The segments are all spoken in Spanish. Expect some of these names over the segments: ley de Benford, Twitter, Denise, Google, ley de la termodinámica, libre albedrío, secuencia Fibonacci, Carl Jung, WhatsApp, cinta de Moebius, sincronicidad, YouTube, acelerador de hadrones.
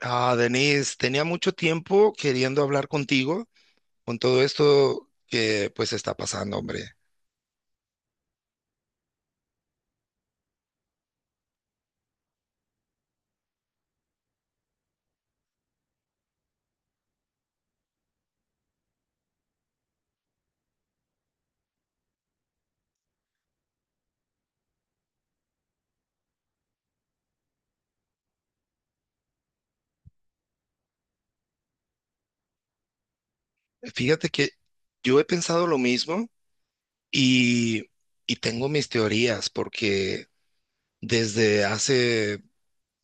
Denise, tenía mucho tiempo queriendo hablar contigo con todo esto que pues está pasando, hombre. Fíjate que yo he pensado lo mismo y, y tengo mis teorías porque desde hace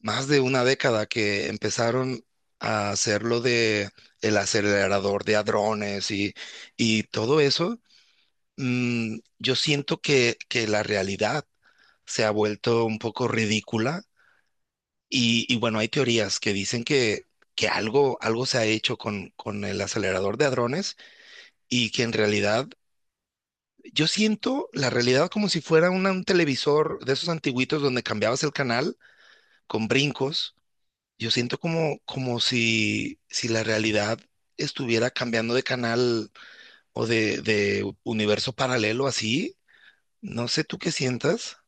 más de una década que empezaron a hacer lo de el acelerador de hadrones y todo eso, yo siento que la realidad se ha vuelto un poco ridícula y bueno, hay teorías que dicen que algo, algo se ha hecho con el acelerador de hadrones y que en realidad... Yo siento la realidad como si fuera un televisor de esos antiguitos donde cambiabas el canal con brincos. Yo siento como, como si la realidad estuviera cambiando de canal o de universo paralelo así. No sé tú qué sientas.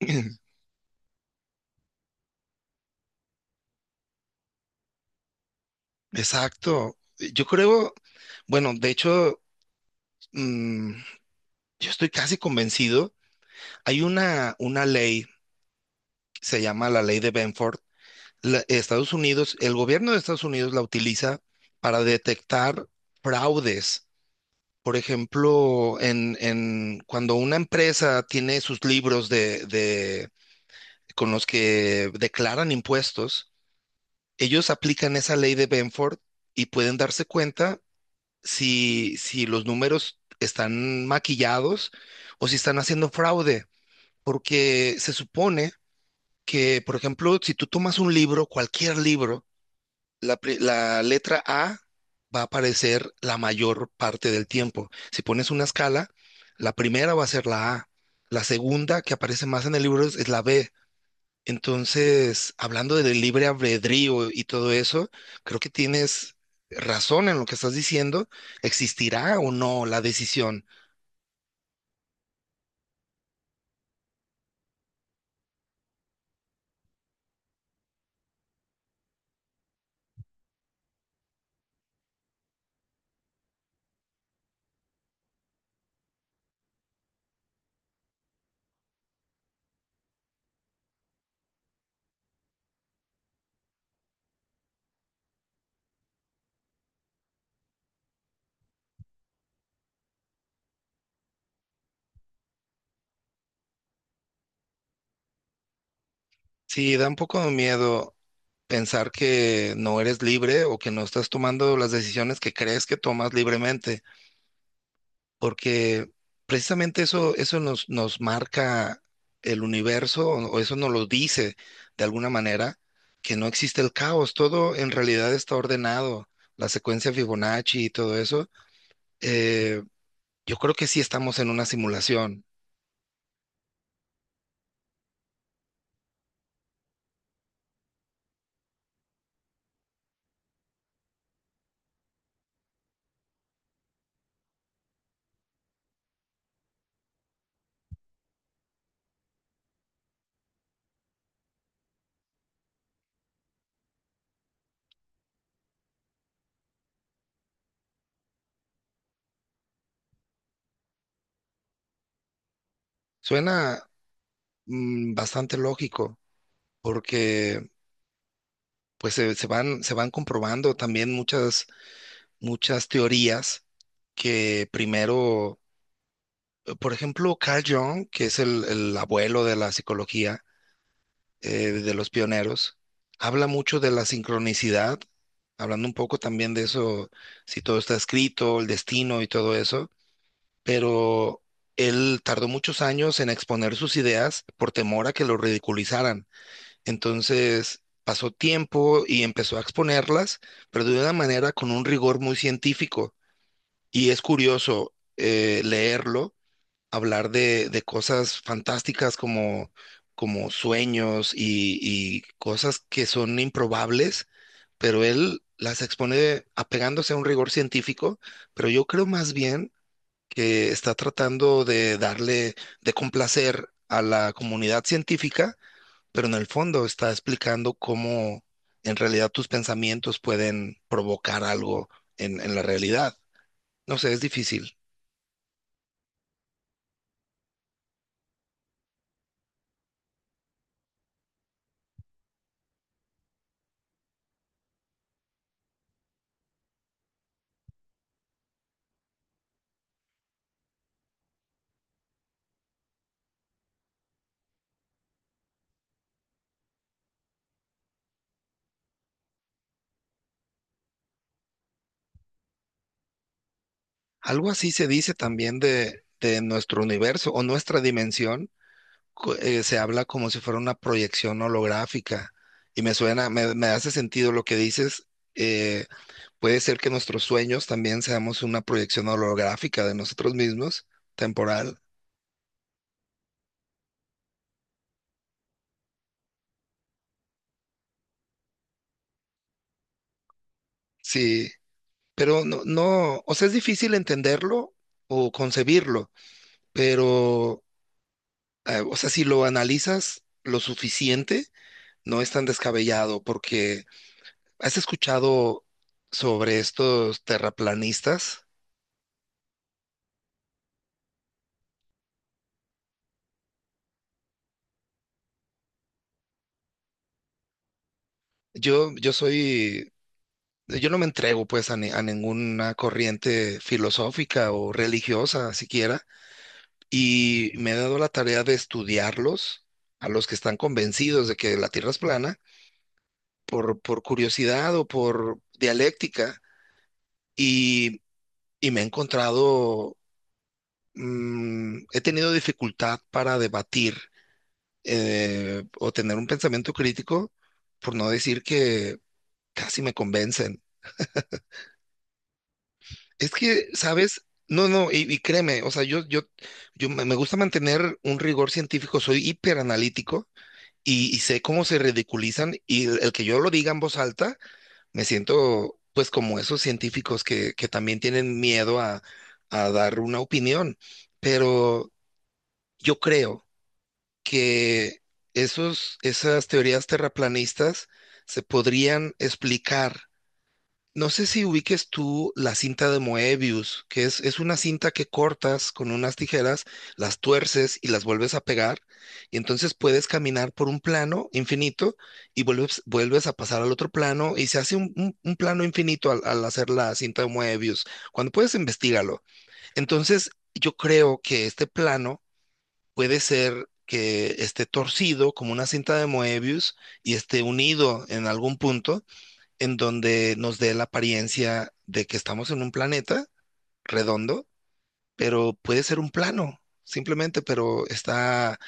Exacto. Yo creo, bueno, de hecho, mm, yo estoy casi convencido. Hay una ley, se llama la ley de Benford. Estados Unidos, el gobierno de Estados Unidos la utiliza para detectar fraudes. Por ejemplo, en cuando una empresa tiene sus libros con los que declaran impuestos, ellos aplican esa ley de Benford y pueden darse cuenta si los números están maquillados o si están haciendo fraude, porque se supone que, por ejemplo, si tú tomas un libro, cualquier libro, la letra A va a aparecer la mayor parte del tiempo. Si pones una escala, la primera va a ser la A. La segunda que aparece más en el libro es la B. Entonces, hablando del libre albedrío y todo eso, creo que tienes razón en lo que estás diciendo. ¿Existirá o no la decisión? Sí, da un poco de miedo pensar que no eres libre o que no estás tomando las decisiones que crees que tomas libremente, porque precisamente eso, eso nos marca el universo, o eso nos lo dice de alguna manera, que no existe el caos, todo en realidad está ordenado, la secuencia Fibonacci y todo eso. eh, yo creo que sí estamos en una simulación. Suena bastante lógico, porque pues se van comprobando también muchas, muchas teorías que primero. Por ejemplo, Carl Jung, que es el abuelo de la psicología, de los pioneros, habla mucho de la sincronicidad, hablando un poco también de eso, si todo está escrito, el destino y todo eso, pero él tardó muchos años en exponer sus ideas por temor a que lo ridiculizaran. Entonces... Pasó tiempo y empezó a exponerlas, pero de una manera con un rigor muy científico. Y es curioso leerlo hablar de cosas fantásticas como, como sueños y cosas que son improbables, pero él las expone apegándose a un rigor científico, pero yo creo más bien que está tratando de darle, de complacer a la comunidad científica, pero en el fondo está explicando cómo en realidad tus pensamientos pueden provocar algo en la realidad. No sé, es difícil. Algo así se dice también de nuestro universo o nuestra dimensión, se habla como si fuera una proyección holográfica y me suena, me hace sentido lo que dices. eh, Puede ser que nuestros sueños también seamos una proyección holográfica de nosotros mismos, temporal, sí, pero no, no, o sea, es difícil entenderlo o concebirlo, pero, o sea, si lo analizas lo suficiente, no es tan descabellado porque ¿has escuchado sobre estos terraplanistas? Yo, yo soy, yo no me entrego pues a, a ninguna corriente filosófica o religiosa siquiera, y me he dado la tarea de estudiarlos, a los que están convencidos de que la Tierra es plana, por curiosidad o por dialéctica, y, y me he encontrado, he tenido dificultad para debatir o tener un pensamiento crítico, por no decir que casi me convencen. Es que, ¿sabes? No, no, y créeme, o sea, yo me gusta mantener un rigor científico, soy hiperanalítico y sé cómo se ridiculizan y el que yo lo diga en voz alta, me siento pues como esos científicos que también tienen miedo a dar una opinión, pero yo creo que esas teorías terraplanistas se podrían explicar. No sé si ubiques tú la cinta de Moebius, que es una cinta que cortas con unas tijeras, las tuerces y las vuelves a pegar, y entonces puedes caminar por un plano infinito y vuelves a pasar al otro plano y se hace un plano infinito al hacer la cinta de Moebius. Cuando puedes, investigalo. Entonces, yo creo que este plano puede ser que esté torcido como una cinta de Moebius y esté unido en algún punto en donde nos dé la apariencia de que estamos en un planeta redondo, pero puede ser un plano, simplemente, pero está,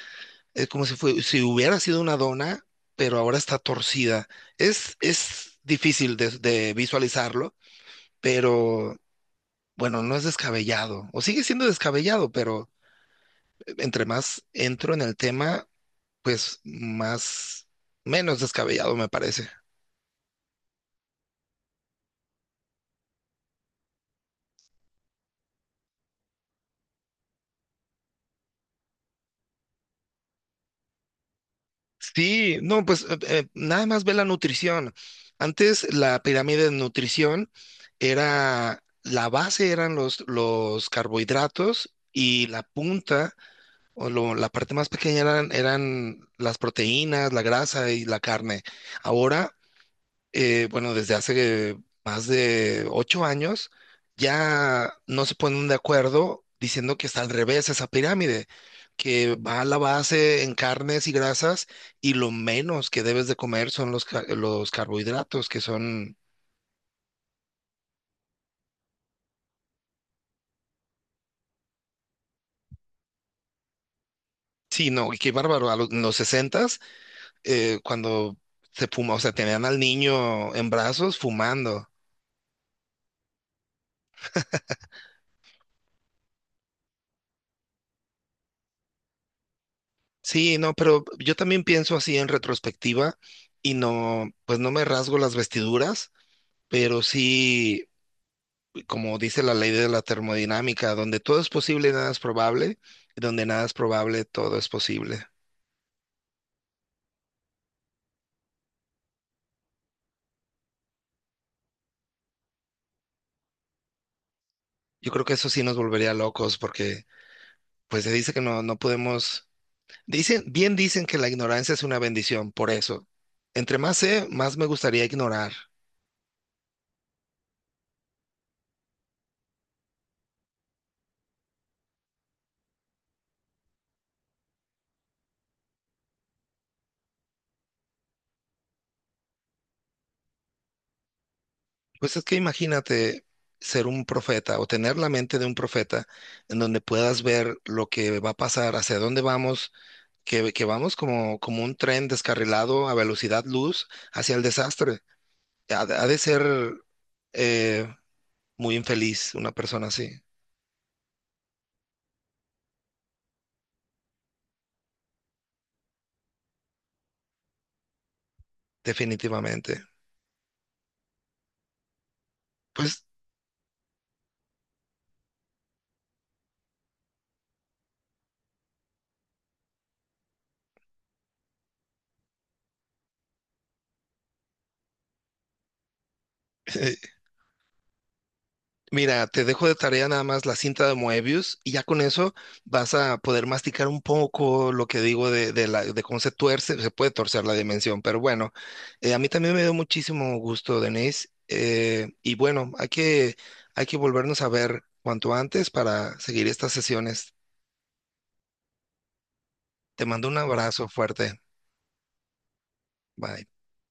es como si fue, si hubiera sido una dona, pero ahora está torcida. Es difícil de visualizarlo, pero bueno, no es descabellado, o sigue siendo descabellado, pero entre más entro en el tema, pues más, menos descabellado me parece. Sí, no, pues nada más ve la nutrición. Antes la pirámide de nutrición era, la base eran los carbohidratos y la punta o la parte más pequeña eran, eran las proteínas, la grasa y la carne. Ahora bueno, desde hace más de ocho años, ya no se ponen de acuerdo diciendo que está al revés esa pirámide, que va a la base en carnes y grasas y lo menos que debes de comer son los, los carbohidratos, que son, sí, no, y qué bárbaro, a los, en los 60 cuando se fuma, o sea, tenían al niño en brazos fumando. Sí, no, pero yo también pienso así en retrospectiva y no, pues no me rasgo las vestiduras. Pero sí, como dice la ley de la termodinámica, donde todo es posible, nada es probable, y donde nada es probable, todo es posible. Yo creo que eso sí nos volvería locos porque pues se dice que no podemos, dicen, bien dicen que la ignorancia es una bendición, por eso. Entre más sé, más me gustaría ignorar. Pues es que imagínate ser un profeta o tener la mente de un profeta en donde puedas ver lo que va a pasar, hacia dónde vamos que vamos como, como un tren descarrilado a velocidad luz hacia el desastre. Ha de ser eh, muy infeliz una persona así, definitivamente. Pues mira, te dejo de tarea nada más la cinta de Moebius y ya con eso vas a poder masticar un poco lo que digo de cómo se tuerce, se puede torcer la dimensión, pero bueno, a mí también me dio muchísimo gusto, Denise, y bueno, hay que volvernos a ver cuanto antes para seguir estas sesiones. Te mando un abrazo fuerte. Bye.